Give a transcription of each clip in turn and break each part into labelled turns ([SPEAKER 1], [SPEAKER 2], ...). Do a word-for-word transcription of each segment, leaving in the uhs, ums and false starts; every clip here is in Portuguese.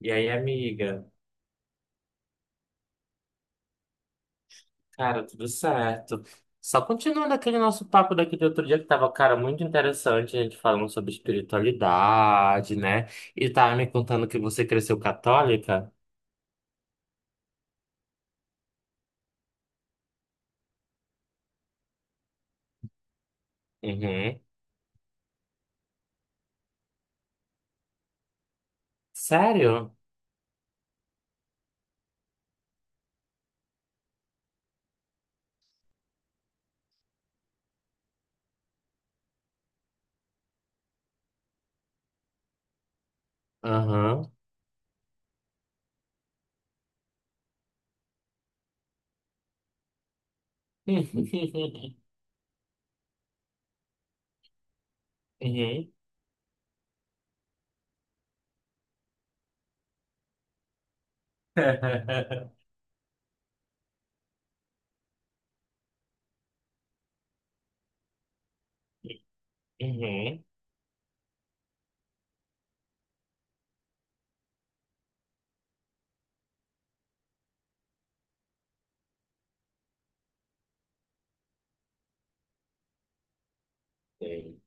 [SPEAKER 1] E aí, amiga? Cara, tudo certo. Só continuando aquele nosso papo daquele outro dia que tava, cara, muito interessante, a gente falando sobre espiritualidade, né? E tava me contando que você cresceu católica? Uhum. Sério? Aham. Uhum. Uhum. Uhum.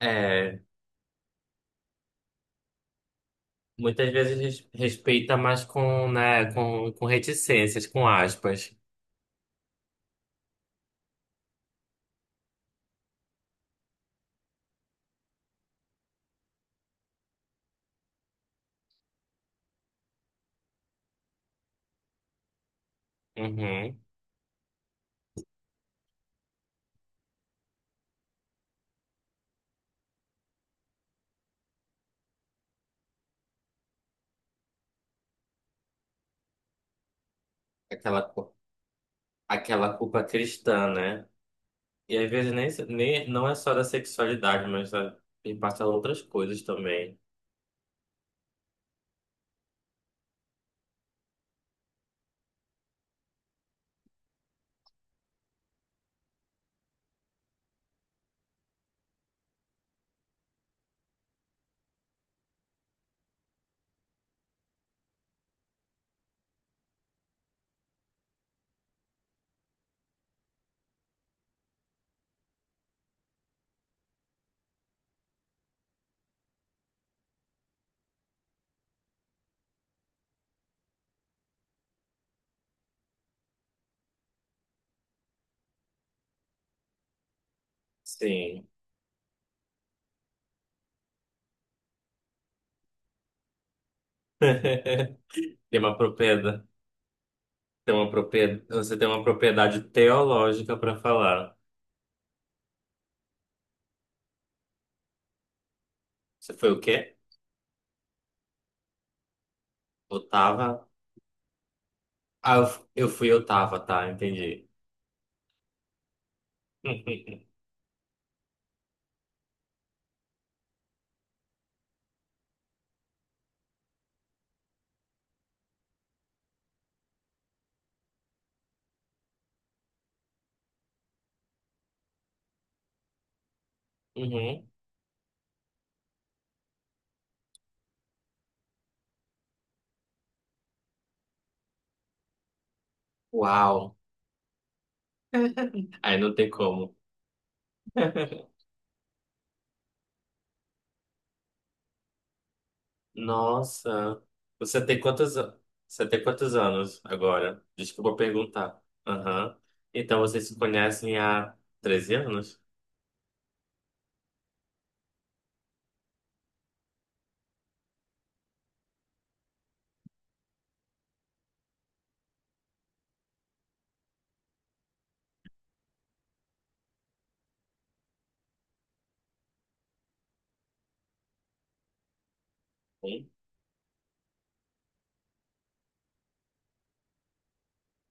[SPEAKER 1] É, muitas vezes res- respeita, mas com, né, com, com reticências, com aspas. Uhum. Aquela, cu- Aquela culpa cristã, né? E às vezes nem, nem não é só da sexualidade, mas da, e passa outras coisas também. Sim. Tem uma propriedade, tem uma propriedade, você tem uma propriedade teológica para falar. Você foi o quê? Otava? Ah, eu fu- eu fui Otava, tá, entendi. Uhum. Uau. Aí não tem como. Nossa, você tem quantos, a- você tem quantos anos agora? Desculpa perguntar. Aham. Então vocês se conhecem há treze anos? Sim.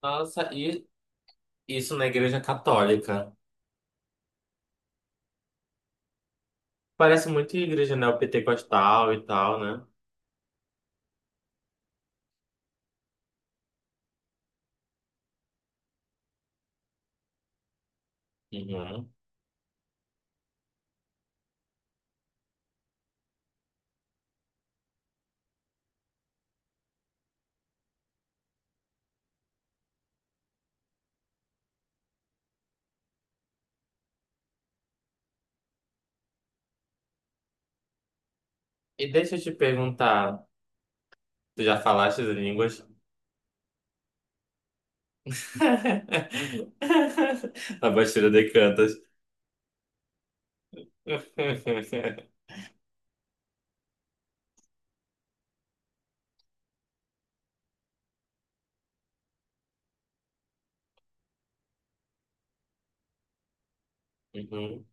[SPEAKER 1] Nossa, e isso na igreja católica. Parece muito igreja neopentecostal e tal, né? Uhum. E deixa eu te perguntar, tu já falaste as línguas? A Bastilha de Cantas. Uhum.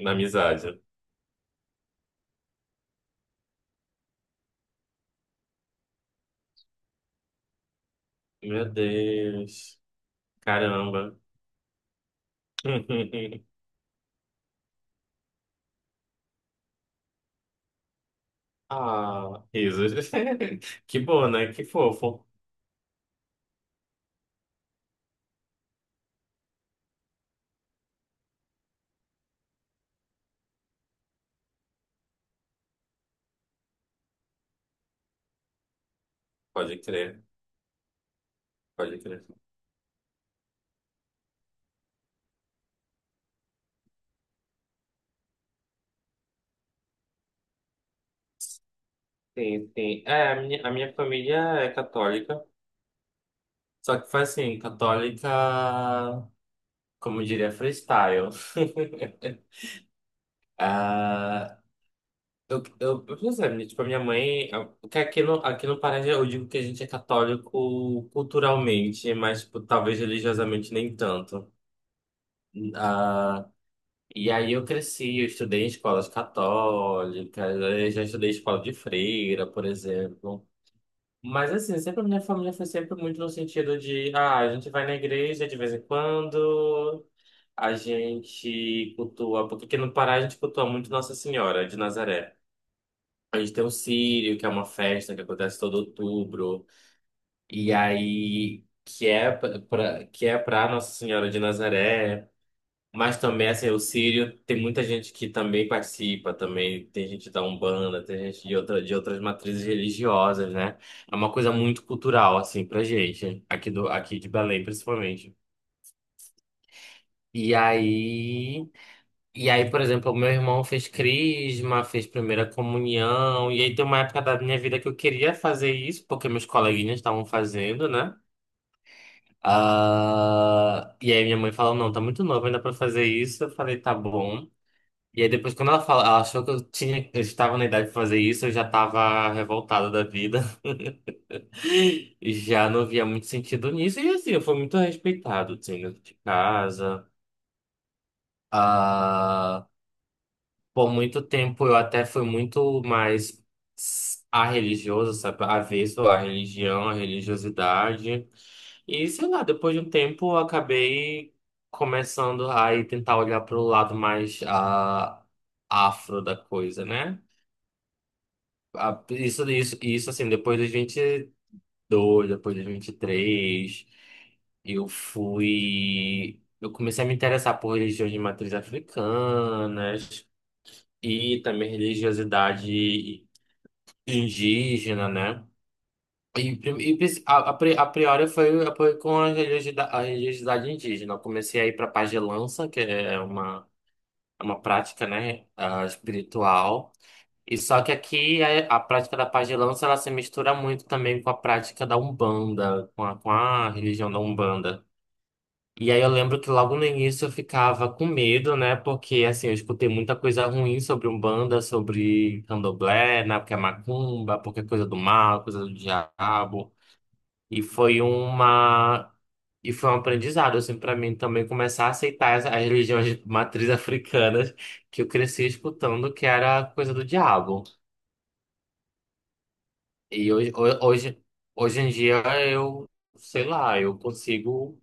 [SPEAKER 1] Na amizade. Meu Deus. Caramba. Ah, risos. Que bom, né? Que fofo. Pode crer, pode crer. Sim, sim. É, a minha, a minha família é católica, só que foi assim, católica, como diria, freestyle. Ah, eu, eu, eu, por exemplo, tipo, a minha mãe, que aqui no, aqui no Pará eu digo que a gente é católico culturalmente, mas tipo, talvez religiosamente nem tanto. Ah, e aí eu cresci, eu estudei em escolas católicas, eu já estudei em escola de freira, por exemplo. Mas assim, sempre a minha família foi sempre muito no sentido de, ah, a gente vai na igreja de vez em quando, a gente cultua, porque aqui no Pará a gente cultua muito Nossa Senhora de Nazaré. A gente tem o Círio, que é uma festa que acontece todo outubro, e aí que é pra, pra- que é pra Nossa Senhora de Nazaré. Mas também, assim, o Sírio tem muita gente que também participa, também tem gente da Umbanda, tem gente de, outra, de outras matrizes religiosas, né? É uma coisa muito cultural, assim, pra gente, aqui, do, aqui de Belém, principalmente. E aí, e aí, por exemplo, o meu irmão fez crisma, fez primeira comunhão, e aí tem uma época da minha vida que eu queria fazer isso, porque meus coleguinhas estavam fazendo, né? Ah, e aí minha mãe falou, não, tá muito novo ainda pra fazer isso. Eu falei, tá bom. E aí depois quando ela fala, ela achou que eu tinha, eu estava na idade de fazer isso, eu já estava revoltado da vida. E já não via muito sentido nisso. E assim, eu fui muito respeitado, assim, dentro de casa. Ah, por muito tempo eu até fui muito mais a religioso, sabe? Avesso à religião, à religiosidade. E sei lá, depois de um tempo eu acabei começando a ir tentar olhar para o lado mais ah, afro da coisa, né? a- Isso, isso, isso, assim, depois dos vinte e dois depois dos vinte e três eu fui. Eu comecei a me interessar por religiões de matriz africanas e também religiosidade indígena, né? E, prim- e pris- a, a, pri- a priori foi, foi com a religiosidade, a religiosidade indígena. Eu comecei a ir para pagelança, que é uma, é uma prática, né, ah, espiritual. E só que aqui a, a prática da pagelança ela se mistura muito também com a prática da Umbanda, com a, com a religião da Umbanda. E aí eu lembro que logo no início eu ficava com medo, né? Porque assim, eu escutei muita coisa ruim sobre Umbanda, sobre Candomblé, né? Porque é macumba, porque é coisa do mal, coisa do diabo. E foi uma e foi um aprendizado assim para mim também começar a aceitar as, as religiões de matriz africanas que eu cresci escutando que era coisa do diabo. E hoje, ho- hoje, hoje em dia eu, sei lá, eu consigo,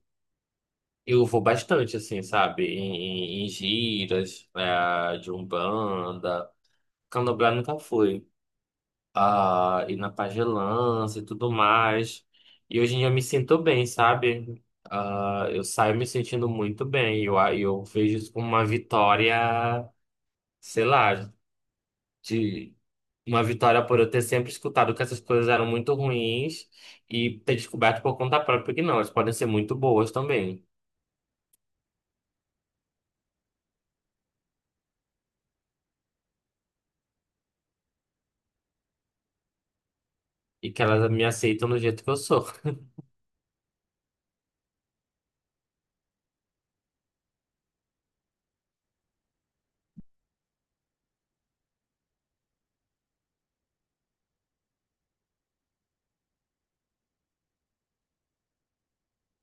[SPEAKER 1] eu vou bastante, assim, sabe? Em, em, em giras, né, de Umbanda. Candomblé nunca fui. Ah, e na pagelança e tudo mais. E hoje em dia eu me sinto bem, sabe? Ah, eu saio me sentindo muito bem. Eu, a- eu vejo isso como uma vitória, sei lá, de uma vitória por eu ter sempre escutado que essas coisas eram muito ruins e ter descoberto por conta própria que não, elas podem ser muito boas também. E que elas me aceitam do jeito que eu sou.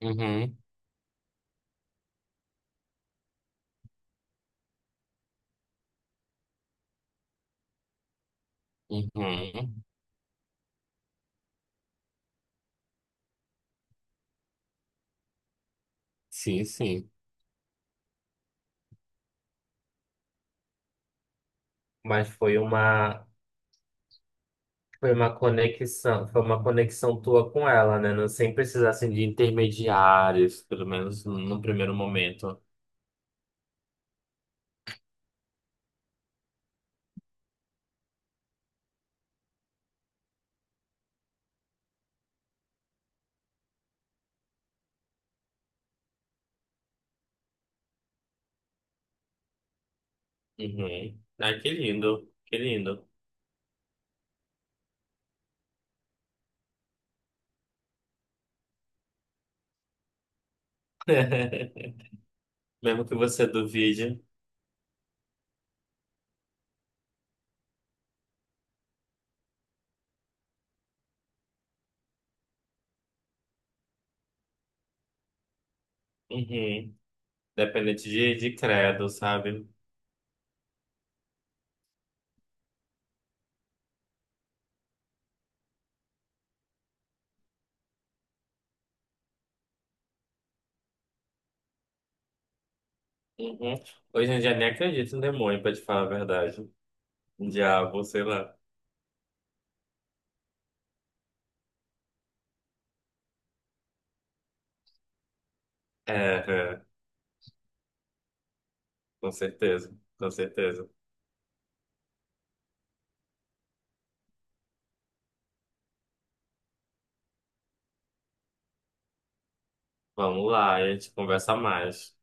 [SPEAKER 1] Uhum, uhum. Sim, sim. Mas foi uma, foi uma conexão, foi uma conexão tua com ela, né? Não, sem precisar assim, de intermediários, pelo menos no primeiro momento. Uhum. Ah, que lindo, que lindo. Mesmo que você duvide. Uhum. Dependente de, de credo, sabe? Uhum. Hoje em dia nem acredito em demônio, pra te falar a verdade. Em Diabo, sei lá. É, é, com certeza, com certeza. Vamos lá, a gente conversa mais.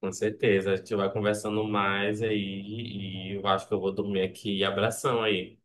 [SPEAKER 1] Com certeza, a gente vai conversando mais aí e eu acho que eu vou dormir aqui. Abração aí.